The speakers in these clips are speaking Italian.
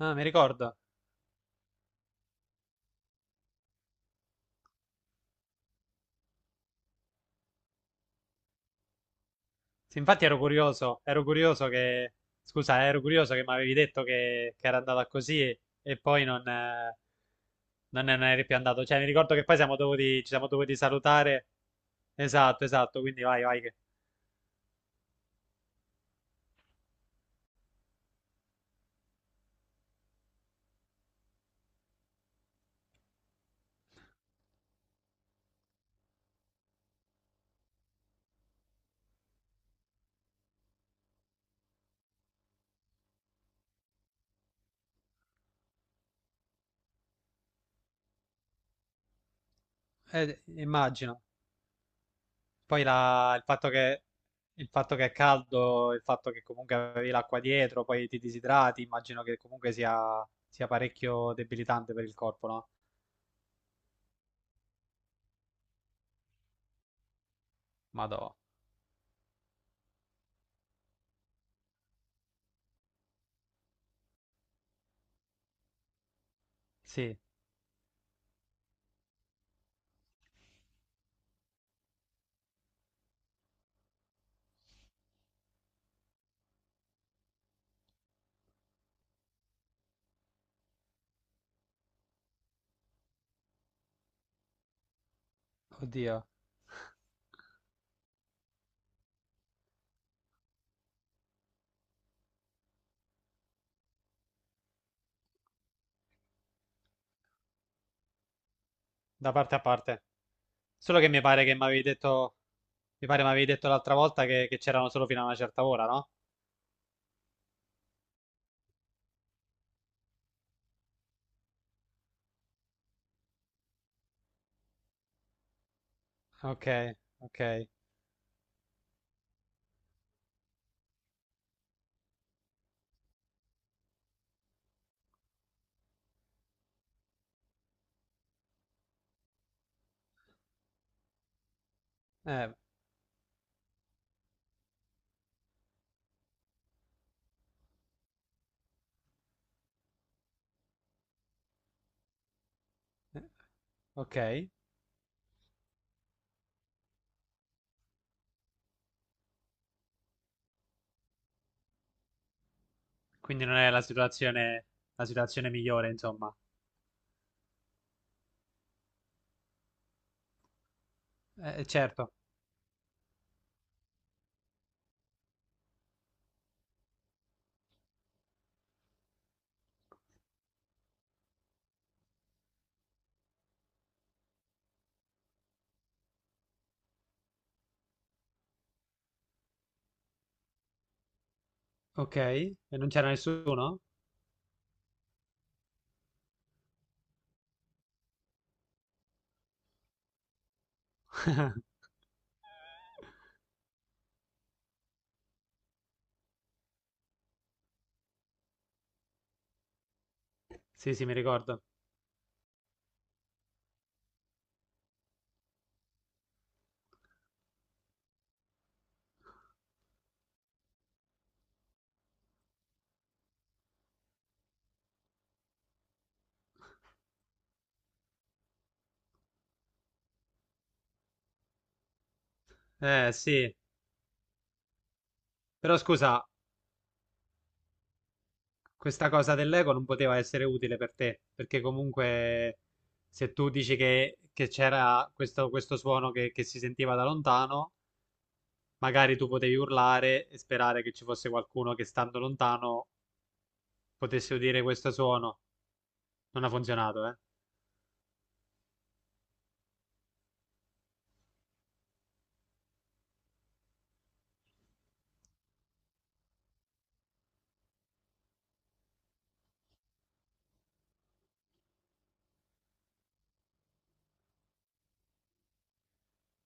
Ah, mi ricordo. Sì, infatti ero curioso che. Scusa, ero curioso che mi avevi detto che era andata così e poi non, non ne non eri più andato. Cioè, mi ricordo che poi ci siamo dovuti salutare. Esatto, esatto, quindi vai, vai. Eh, immagino. Il fatto il fatto che è caldo, il fatto che comunque avevi l'acqua dietro, poi ti disidrati, immagino che comunque sia parecchio debilitante per il corpo, no? Madò. Sì, da parte a parte. Solo che mi pare che mi avevi detto, mi pare mi avevi detto l'altra volta che c'erano solo fino a una certa ora, no? Ok, ok, eh, ok. Quindi non è la situazione migliore, insomma. Certo, ok. E non c'era nessuno? Sì, sì, mi ricordo. Sì. Però scusa, questa cosa dell'ego non poteva essere utile per te, perché comunque se tu dici che c'era questo suono che si sentiva da lontano, magari tu potevi urlare e sperare che ci fosse qualcuno che stando lontano potesse udire questo suono. Non ha funzionato, eh?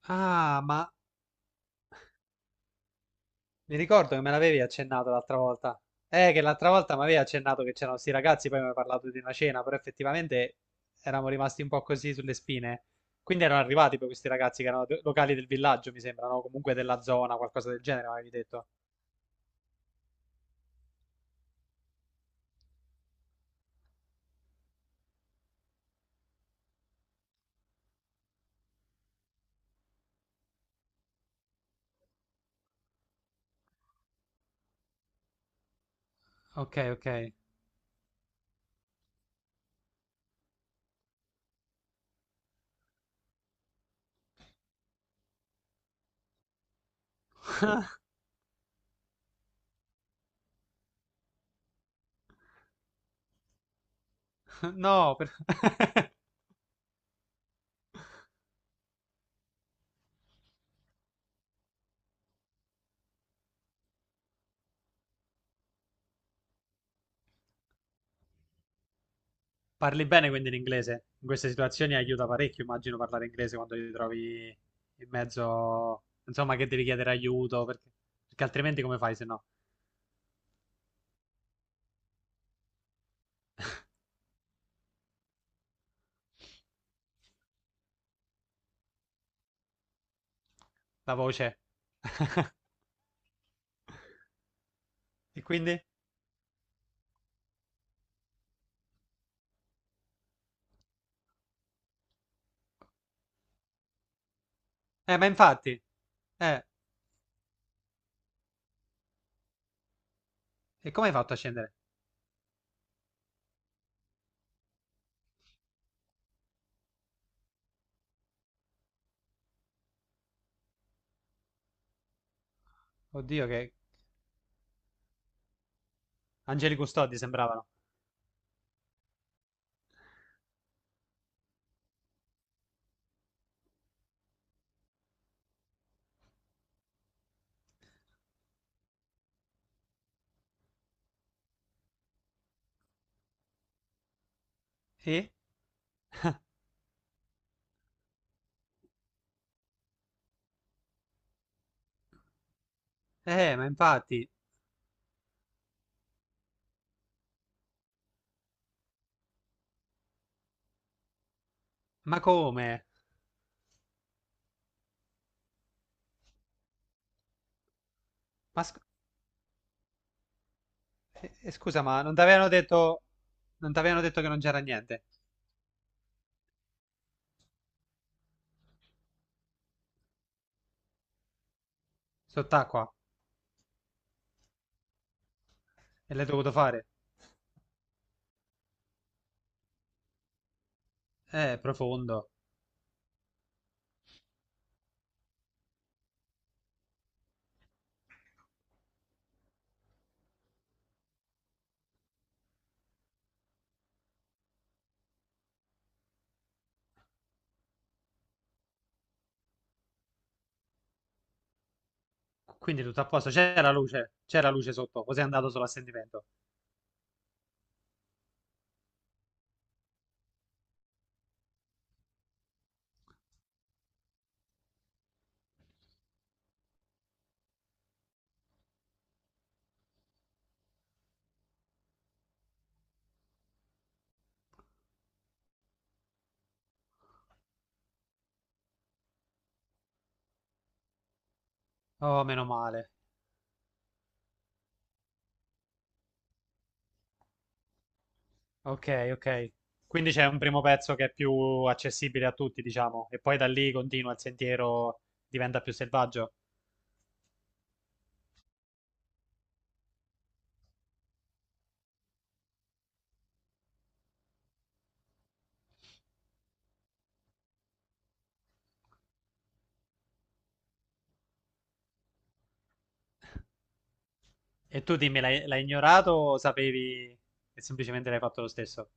Ah, ma mi ricordo che me l'avevi accennato l'altra volta. Che l'altra volta mi avevi accennato che c'erano sti ragazzi, poi mi hai parlato di una cena, però effettivamente eravamo rimasti un po' così sulle spine. Quindi erano arrivati poi questi ragazzi che locali del villaggio, mi sembra, no? Comunque della zona, qualcosa del genere, mi avevi detto. Ok, ok. No, parli bene quindi l'inglese? In queste situazioni aiuta parecchio, immagino, parlare inglese quando ti trovi in mezzo, insomma, che devi chiedere aiuto, perché altrimenti come fai se no? La voce. E quindi? Ma infatti. Eh, e come hai fatto a scendere? Oddio, che angeli custodi sembravano. Sì? Ma infatti. Ma come? Ma sc- scusa, ma non ti avevano detto. Non ti avevano detto che non c'era niente? Sott'acqua? E l'hai dovuto fare? Profondo. Quindi tutto a posto, c'era la luce, c'era luce sotto, così è andato solo a sentimento. Oh, meno male. Ok, ok. Quindi c'è un primo pezzo che è più accessibile a tutti, diciamo, e poi da lì continua il sentiero, diventa più selvaggio. E tu dimmi, l'hai, l'hai ignorato o sapevi e semplicemente l'hai fatto lo stesso?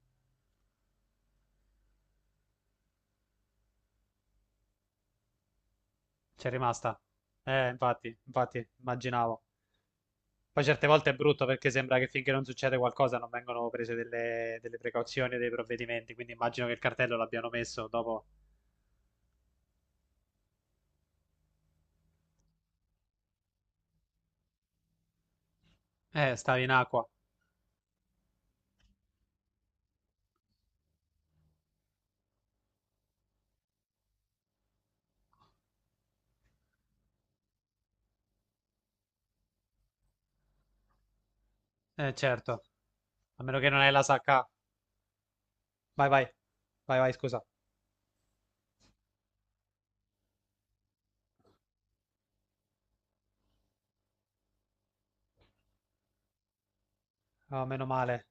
C'è rimasta? Infatti, infatti, immaginavo. Poi certe volte è brutto perché sembra che finché non succede qualcosa non vengono prese delle precauzioni e dei provvedimenti, quindi immagino che il cartello l'abbiano messo dopo. Stavi in acqua. Certo. A meno che non hai la sacca. Vai, vai. Vai, vai, scusa. Oh, meno male.